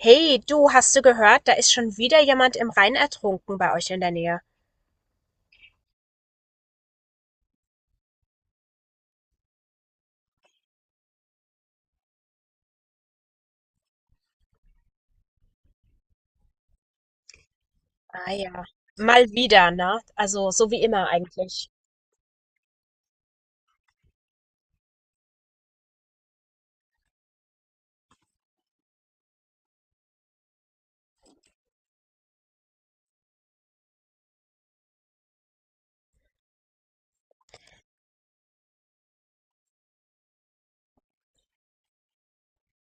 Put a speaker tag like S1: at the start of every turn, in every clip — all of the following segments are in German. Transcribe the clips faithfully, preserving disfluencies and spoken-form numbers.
S1: Hey, du, hast du gehört? Da ist schon wieder jemand im Rhein ertrunken bei euch in der Nähe. Ah ja. Mal wieder, ne? Also so wie immer eigentlich.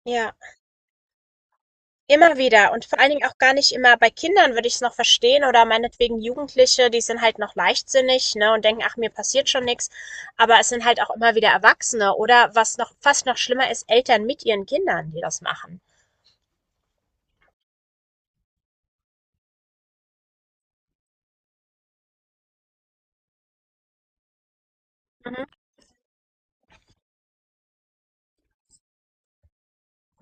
S1: Ja, immer wieder. Und vor allen Dingen auch gar nicht immer, bei Kindern würde ich es noch verstehen oder meinetwegen Jugendliche, die sind halt noch leichtsinnig, ne, und denken, ach, mir passiert schon nichts. Aber es sind halt auch immer wieder Erwachsene oder was noch fast noch schlimmer ist, Eltern mit ihren Kindern, die das machen. Mhm,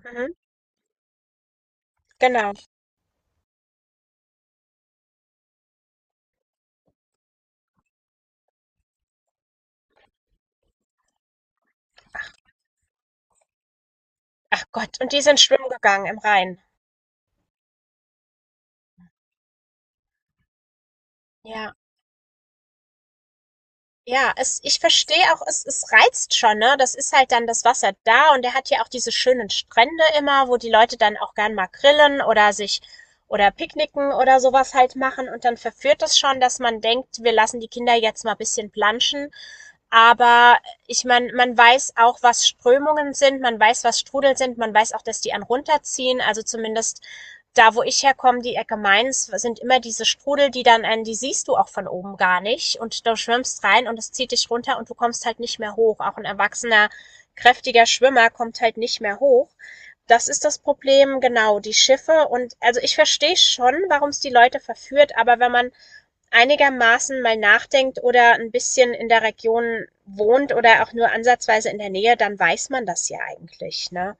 S1: mhm, genau. Ach Gott, und die sind schwimmen gegangen im Rhein. Ja. Ja, es ich verstehe auch, es es reizt schon, ne? Das ist halt dann das Wasser da, und er hat ja auch diese schönen Strände immer, wo die Leute dann auch gern mal grillen oder sich oder picknicken oder sowas halt machen, und dann verführt das schon, dass man denkt, wir lassen die Kinder jetzt mal ein bisschen planschen. Aber ich meine, man weiß auch, was Strömungen sind, man weiß, was Strudel sind, man weiß auch, dass die einen runterziehen. Also zumindest da, wo ich herkomme, die Ecke Mainz, sind immer diese Strudel, die dann einen, die siehst du auch von oben gar nicht. Und du schwimmst rein und es zieht dich runter und du kommst halt nicht mehr hoch. Auch ein erwachsener, kräftiger Schwimmer kommt halt nicht mehr hoch. Das ist das Problem, genau, die Schiffe. Und also ich verstehe schon, warum es die Leute verführt, aber wenn man einigermaßen mal nachdenkt oder ein bisschen in der Region wohnt oder auch nur ansatzweise in der Nähe, dann weiß man das ja eigentlich, ne?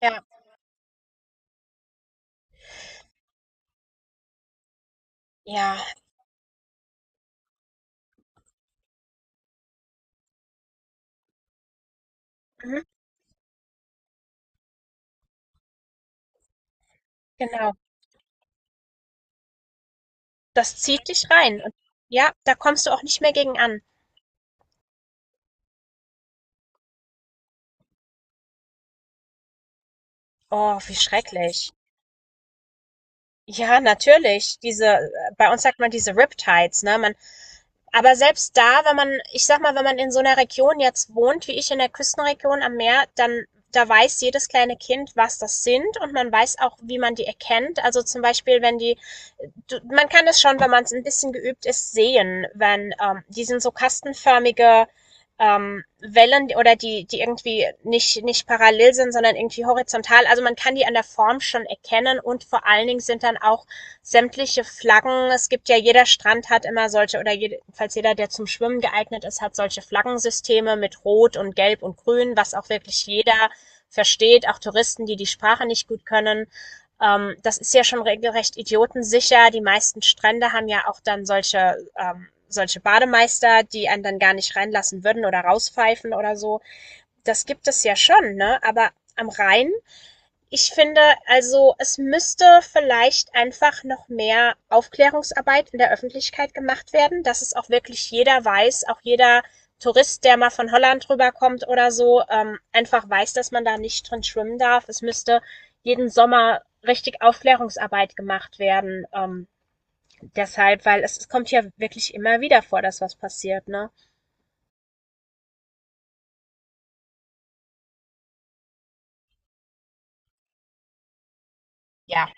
S1: Ja, ja, mhm, genau. Das zieht dich rein und ja, da kommst du auch nicht mehr gegen an. Oh, wie schrecklich. Ja, natürlich. Diese äh, bei uns sagt man diese Riptides, ne? Man aber selbst da, wenn man, ich sag mal, wenn man in so einer Region jetzt wohnt, wie ich in der Küstenregion am Meer, dann da weiß jedes kleine Kind, was das sind, und man weiß auch, wie man die erkennt. Also, zum Beispiel, wenn die du man kann das schon, wenn man es ein bisschen geübt ist, sehen, wenn, ähm die sind so kastenförmige ähm, Wellen oder die, die irgendwie nicht, nicht parallel sind, sondern irgendwie horizontal. Also man kann die an der Form schon erkennen, und vor allen Dingen sind dann auch sämtliche Flaggen. Es gibt ja, jeder Strand hat immer solche, oder jedenfalls jeder, der zum Schwimmen geeignet ist, hat solche Flaggensysteme mit Rot und Gelb und Grün, was auch wirklich jeder versteht, auch Touristen, die die Sprache nicht gut können. Ähm, das ist ja schon regelrecht idiotensicher. Die meisten Strände haben ja auch dann solche, ähm, solche Bademeister, die einen dann gar nicht reinlassen würden oder rauspfeifen oder so. Das gibt es ja schon, ne? Aber am Rhein, ich finde, also es müsste vielleicht einfach noch mehr Aufklärungsarbeit in der Öffentlichkeit gemacht werden, dass es auch wirklich jeder weiß, auch jeder Tourist, der mal von Holland rüberkommt oder so, ähm, einfach weiß, dass man da nicht drin schwimmen darf. Es müsste jeden Sommer richtig Aufklärungsarbeit gemacht werden. Ähm, deshalb, weil es, es kommt ja wirklich immer wieder vor, dass was passiert, ne? Ja.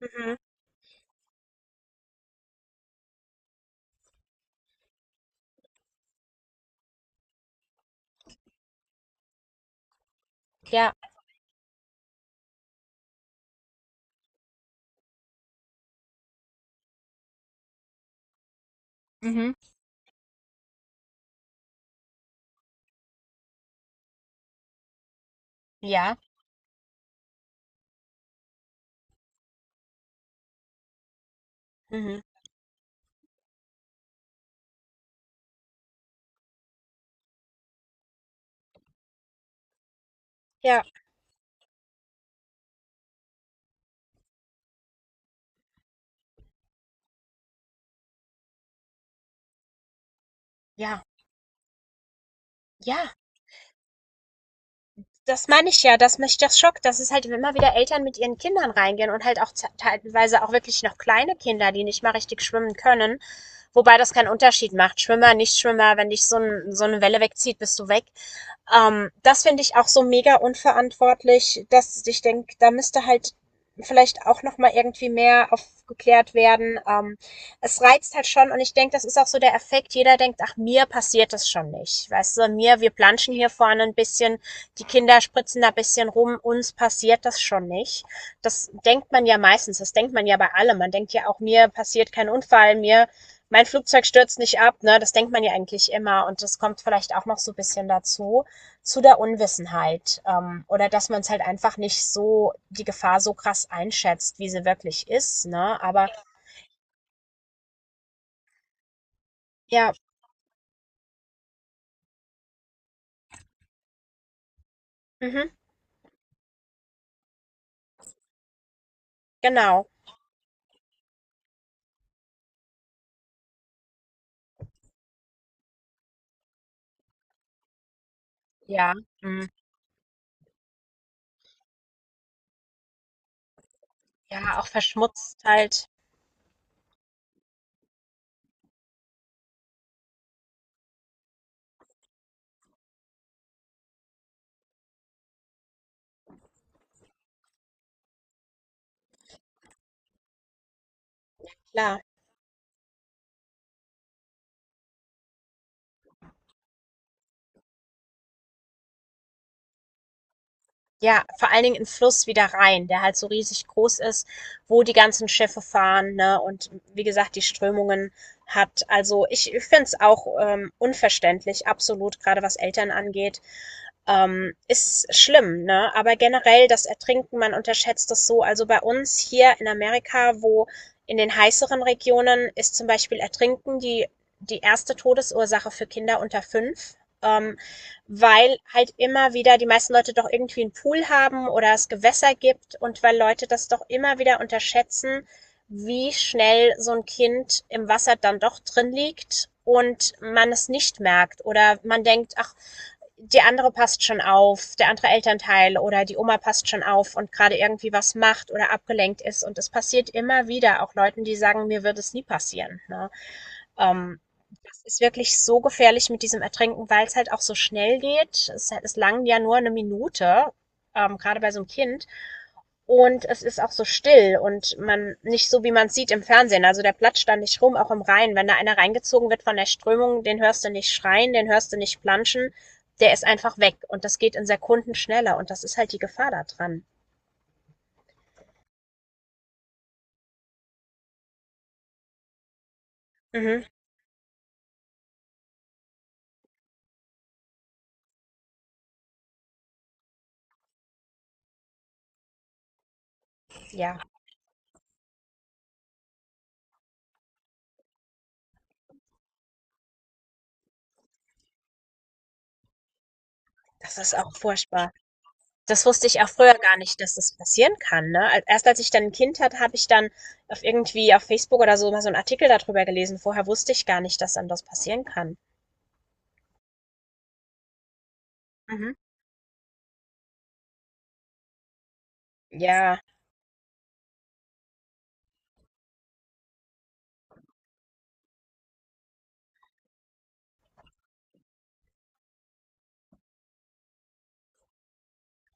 S1: Mhm. Ja. Mhm. Ja. Mhm. Ja. Ja. Ja. Das meine ich ja, dass mich das schockt, dass es halt immer wieder Eltern mit ihren Kindern reingehen und halt auch teilweise auch wirklich noch kleine Kinder, die nicht mal richtig schwimmen können, wobei das keinen Unterschied macht. Schwimmer, Nichtschwimmer, wenn dich so, ein, so eine Welle wegzieht, bist du weg. Ähm, das finde ich auch so mega unverantwortlich, dass ich denke, da müsste halt vielleicht auch noch mal irgendwie mehr aufgeklärt werden. Ähm, es reizt halt schon, und ich denke, das ist auch so der Effekt. Jeder denkt, ach, mir passiert das schon nicht, weißt du, mir wir planschen hier vorne ein bisschen, die Kinder spritzen da ein bisschen rum, uns passiert das schon nicht. Das denkt man ja meistens, das denkt man ja bei allem. Man denkt ja auch, mir passiert kein Unfall, mir mein Flugzeug stürzt nicht ab, ne? Das denkt man ja eigentlich immer, und das kommt vielleicht auch noch so ein bisschen dazu zu der Unwissenheit, ähm, oder dass man es halt einfach nicht so, die Gefahr so krass einschätzt, wie sie wirklich ist, ne? Aber ja, mhm, genau. Ja, mhm. Ja, auch verschmutzt halt, klar. Ja, vor allen Dingen in Fluss wie der Rhein, der halt so riesig groß ist, wo die ganzen Schiffe fahren, ne? Und wie gesagt, die Strömungen hat. Also ich, ich finde es auch ähm, unverständlich, absolut, gerade was Eltern angeht. Ähm, ist schlimm, ne? Aber generell das Ertrinken, man unterschätzt das so. Also bei uns hier in Amerika, wo in den heißeren Regionen, ist zum Beispiel Ertrinken die, die erste Todesursache für Kinder unter fünf. Ähm, Weil halt immer wieder die meisten Leute doch irgendwie einen Pool haben oder es Gewässer gibt und weil Leute das doch immer wieder unterschätzen, wie schnell so ein Kind im Wasser dann doch drin liegt und man es nicht merkt oder man denkt, ach, die andere passt schon auf, der andere Elternteil oder die Oma passt schon auf und gerade irgendwie was macht oder abgelenkt ist. Und es passiert immer wieder, auch Leuten, die sagen, mir wird es nie passieren. Ne? Ähm, Das ist wirklich so gefährlich mit diesem Ertrinken, weil es halt auch so schnell geht. Es, es langt ja nur eine Minute, ähm, gerade bei so einem Kind. Und es ist auch so still, und man nicht so, wie man es sieht im Fernsehen. Also der platscht da nicht rum, auch im Rhein. Wenn da einer reingezogen wird von der Strömung, den hörst du nicht schreien, den hörst du nicht planschen. Der ist einfach weg, und das geht in Sekunden schneller, und das ist halt die Gefahr da dran. Mhm. Ja, das ist auch furchtbar. Das wusste ich auch früher gar nicht, dass das passieren kann. Ne? Al- Erst als ich dann ein Kind hatte, habe ich dann auf irgendwie auf Facebook oder so mal so einen Artikel darüber gelesen. Vorher wusste ich gar nicht, dass dann das passieren kann. Mhm. Ja,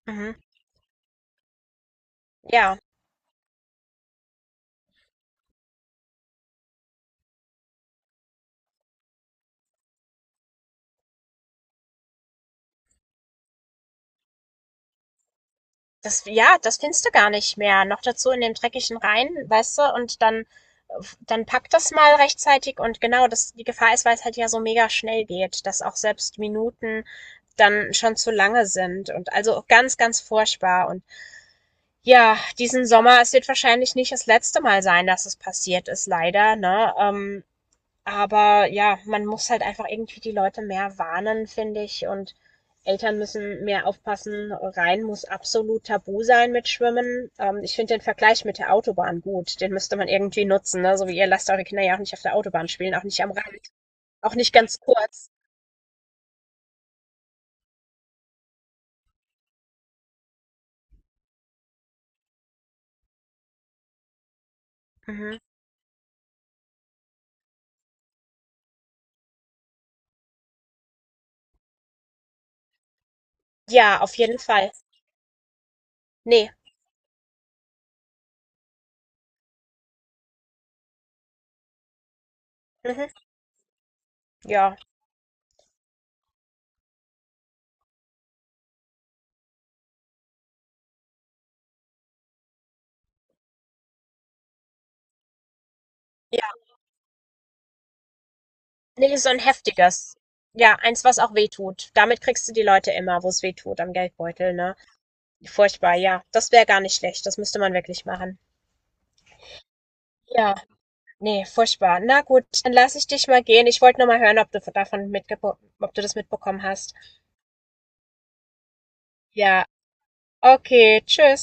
S1: mhm. Ja. Das ja, das findest du gar nicht mehr. Noch dazu in dem dreckigen Rhein, weißt du, und dann dann pack das mal rechtzeitig, und genau, das die Gefahr ist, weil's halt ja so mega schnell geht, dass auch selbst Minuten dann schon zu lange sind, und also ganz, ganz furchtbar und ja, diesen Sommer, es wird wahrscheinlich nicht das letzte Mal sein, dass es passiert ist, leider, ne? Ähm aber ja, man muss halt einfach irgendwie die Leute mehr warnen, finde ich. Und Eltern müssen mehr aufpassen. Rhein muss absolut tabu sein mit Schwimmen. Ähm, ich finde den Vergleich mit der Autobahn gut. Den müsste man irgendwie nutzen. Ne? So wie, ihr lasst eure Kinder ja auch nicht auf der Autobahn spielen, auch nicht am Rand, auch nicht ganz kurz. Mhm. Ja, auf jeden Fall. Nee. Mhm. Ja. Ja. Nee, so ein heftiges. Ja, eins, was auch weh tut. Damit kriegst du die Leute immer, wo es weh tut, am Geldbeutel, ne? Furchtbar, ja. Das wäre gar nicht schlecht. Das müsste man wirklich machen. Ja, ne, furchtbar. Na gut, dann lasse ich dich mal gehen. Ich wollte nur mal hören, ob du davon mitgebo ob du das mitbekommen hast. Ja, okay, tschüss.